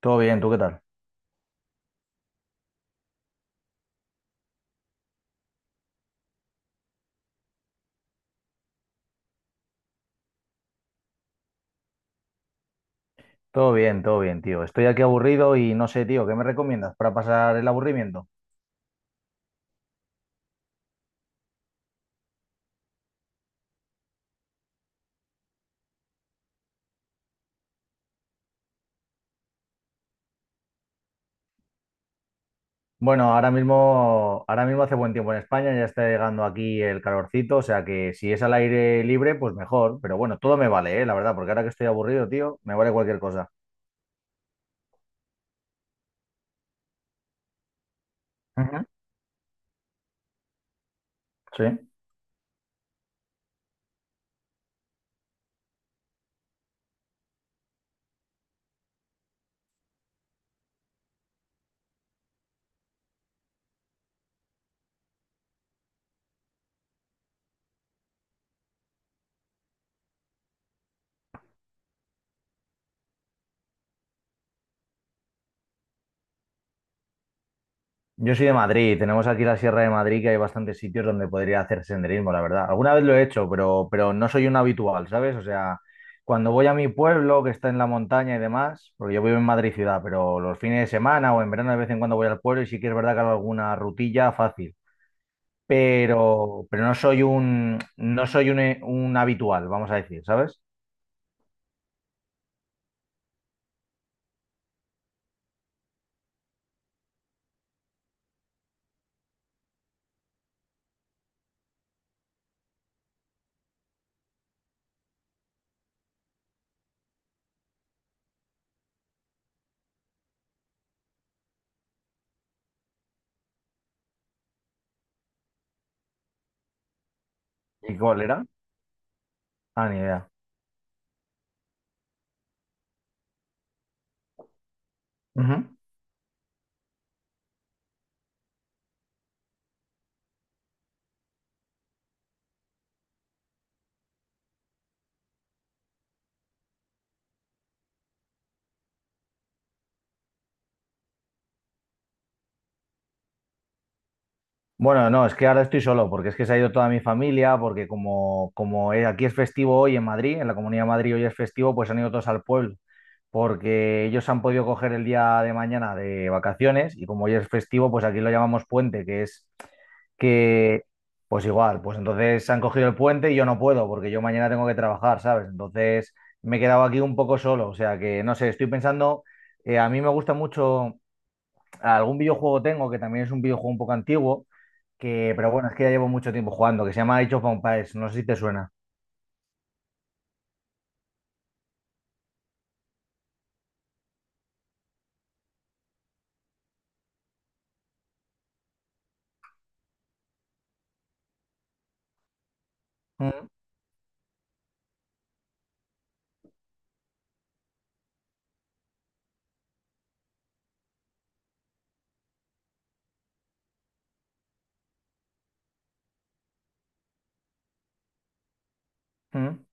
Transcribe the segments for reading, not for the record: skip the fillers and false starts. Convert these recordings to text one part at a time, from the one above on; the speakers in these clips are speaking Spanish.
Todo bien, ¿tú qué tal? Todo bien, tío. Estoy aquí aburrido y no sé, tío, ¿qué me recomiendas para pasar el aburrimiento? Bueno, ahora mismo hace buen tiempo en España, ya está llegando aquí el calorcito, o sea que si es al aire libre, pues mejor. Pero bueno, todo me vale, la verdad, porque ahora que estoy aburrido, tío, me vale cualquier cosa. Ujú. Sí. Yo soy de Madrid, tenemos aquí la Sierra de Madrid que hay bastantes sitios donde podría hacer senderismo, la verdad. Alguna vez lo he hecho, pero no soy un habitual, ¿sabes? O sea, cuando voy a mi pueblo, que está en la montaña y demás, porque yo vivo en Madrid ciudad, pero los fines de semana o en verano de vez en cuando voy al pueblo y sí que es verdad que hago alguna rutilla fácil, pero, pero no soy un, un habitual, vamos a decir, ¿sabes? ¿Y cuál era? Ah, ni idea. Ujú. Bueno, no, es que ahora estoy solo, porque es que se ha ido toda mi familia, porque como aquí es festivo hoy en Madrid, en la Comunidad de Madrid hoy es festivo, pues han ido todos al pueblo, porque ellos han podido coger el día de mañana de vacaciones y como hoy es festivo, pues aquí lo llamamos puente, que es que, pues igual, pues entonces han cogido el puente y yo no puedo, porque yo mañana tengo que trabajar, ¿sabes? Entonces me he quedado aquí un poco solo, o sea que no sé, estoy pensando, a mí me gusta mucho algún videojuego tengo que también es un videojuego un poco antiguo, pero bueno, es que ya llevo mucho tiempo jugando, que se llama Age of Empires, no sé si te suena. Mm, mm.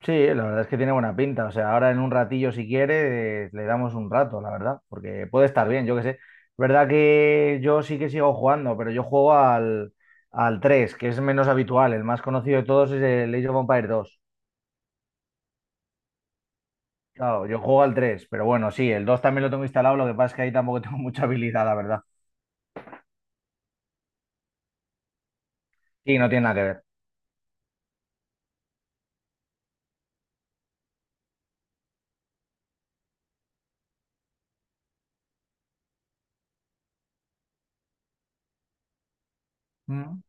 Sí, la verdad es que tiene buena pinta. O sea, ahora en un ratillo, si quiere, le damos un rato, la verdad, porque puede estar bien, yo qué sé. Es verdad que yo sí que sigo jugando, pero yo juego al 3 que es menos habitual. El más conocido de todos es el Age of Empires dos. Claro, yo juego al 3 pero bueno, sí, el 2 también lo tengo instalado, lo que pasa es que ahí tampoco tengo mucha habilidad, la verdad. Y no tiene nada que ver. Mm,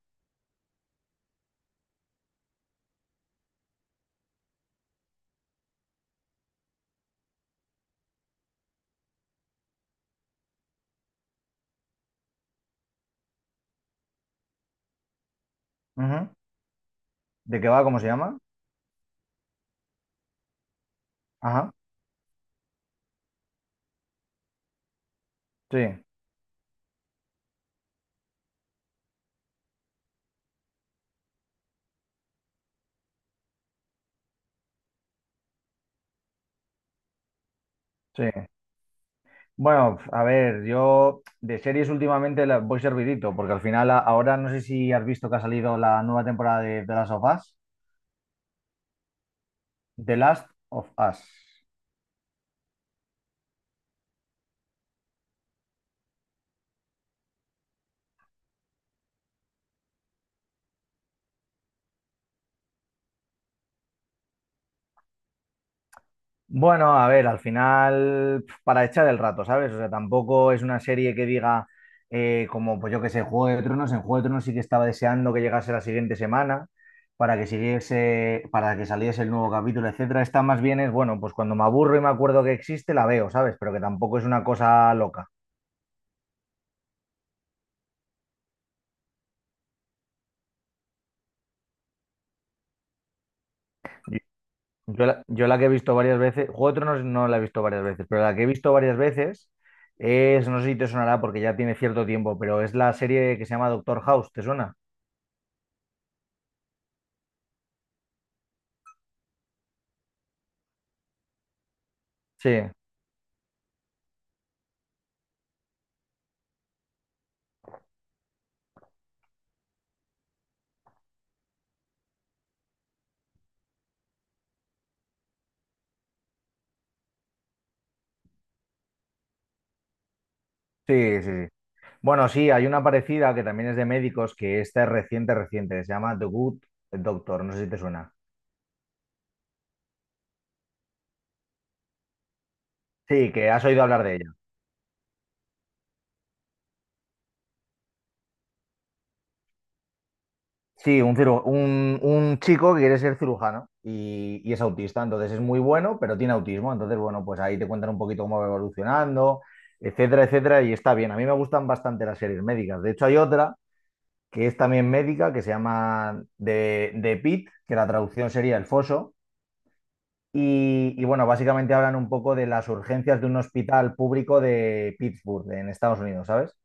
ujú. ¿De qué va? ¿Cómo se llama? Ajá, sí, sí. Bueno, a ver, yo de series últimamente las voy servidito, porque al final ahora no sé si has visto que ha salido la nueva temporada de The Last of Us. The Last of Us. Bueno, a ver, al final, pf, para echar el rato, ¿sabes? O sea, tampoco es una serie que diga, como, pues yo que sé, Juego de Tronos. En Juego de Tronos sí que estaba deseando que llegase la siguiente semana para que siguiese, para que saliese el nuevo capítulo, etcétera. Esta más bien es, bueno, pues cuando me aburro y me acuerdo que existe, la veo, ¿sabes? Pero que tampoco es una cosa loca. Yo yo la, yo la que he visto varias veces, Juego de Tronos no la he visto varias veces, pero la que he visto varias veces es, no sé si te sonará porque ya tiene cierto tiempo, pero es la serie que se llama Doctor House, ¿te suena? Sí. Sí, sí, sí. Bueno, sí, hay una parecida que también es de médicos, que esta es reciente, reciente, que se llama The Good Doctor, no sé si te suena. Sí, que has oído hablar de ella. Sí, un chico que quiere ser cirujano y es autista, entonces es muy bueno, pero tiene autismo, entonces bueno, pues ahí te cuentan un poquito cómo va evolucionando, etcétera, etcétera, y está bien. A mí me gustan bastante las series médicas. De hecho, hay otra que es también médica, que se llama The Pit, que la traducción sería El Foso. Bueno, básicamente hablan un poco de las urgencias de un hospital público de Pittsburgh, en Estados Unidos, ¿sabes?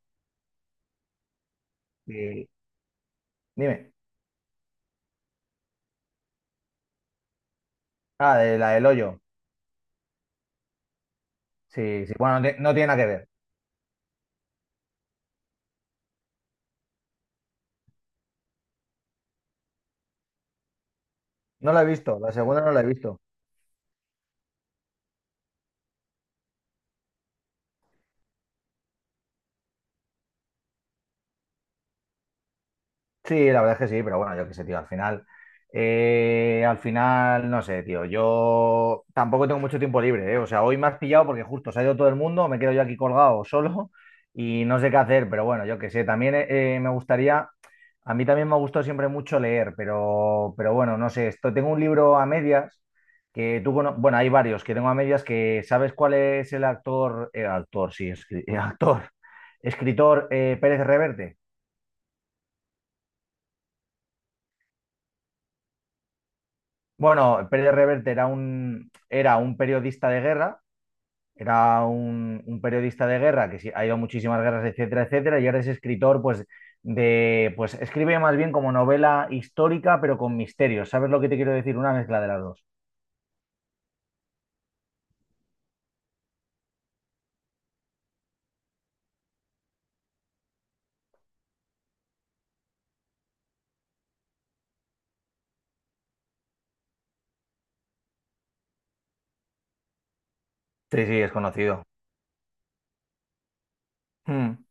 Y- dime. Ah, de la del hoyo. Sí, sí. Bueno, no, no tiene nada que ver. No la he visto. La segunda no la he visto. Sí, la verdad es que sí, pero bueno, yo qué sé, tío, al final, no sé, tío, yo tampoco tengo mucho tiempo libre, ¿eh? O sea, hoy me has pillado porque justo se ha ido todo el mundo, me quedo yo aquí colgado solo y no sé qué hacer, pero bueno, yo qué sé, también me gustaría, a mí también me ha gustado siempre mucho leer, pero bueno, no sé, esto, tengo un libro a medias que bueno, hay varios que tengo a medias que, ¿sabes cuál es el actor, sí, actor, escritor Pérez Reverte? Bueno, Pérez Reverte era era un periodista de guerra, era un periodista de guerra que sí, ha ido a muchísimas guerras, etcétera, etcétera, y ahora es escritor, pues, pues escribe más bien como novela histórica, pero con misterios. ¿Sabes lo que te quiero decir? Una mezcla de las dos. Sí, sí, es conocido. Mm.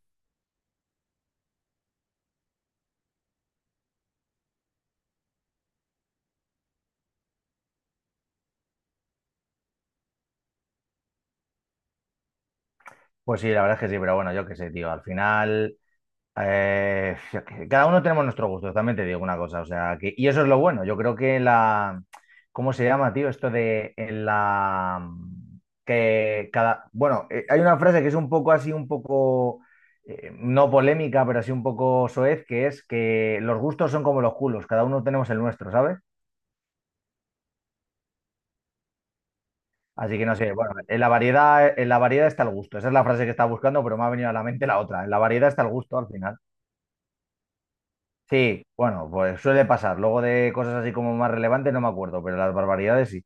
Pues sí, la verdad es que sí, pero bueno, yo qué sé, tío. Al final. Yo qué sé, cada uno tenemos nuestro gusto, también te digo una cosa, o sea, que, y eso es lo bueno. Yo creo que la, ¿cómo se llama, tío? Esto de en la, que cada, bueno, hay una frase que es un poco así, un poco no polémica, pero así un poco soez, que es que los gustos son como los culos, cada uno tenemos el nuestro, ¿sabes? Así que no sé, bueno, en la variedad está el gusto. Esa es la frase que estaba buscando, pero me ha venido a la mente la otra. En la variedad está el gusto al final. Sí, bueno, pues suele pasar. Luego de cosas así como más relevantes no me acuerdo, pero las barbaridades sí.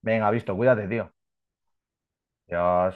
Venga, visto, cuídate, tío. ¡Adiós!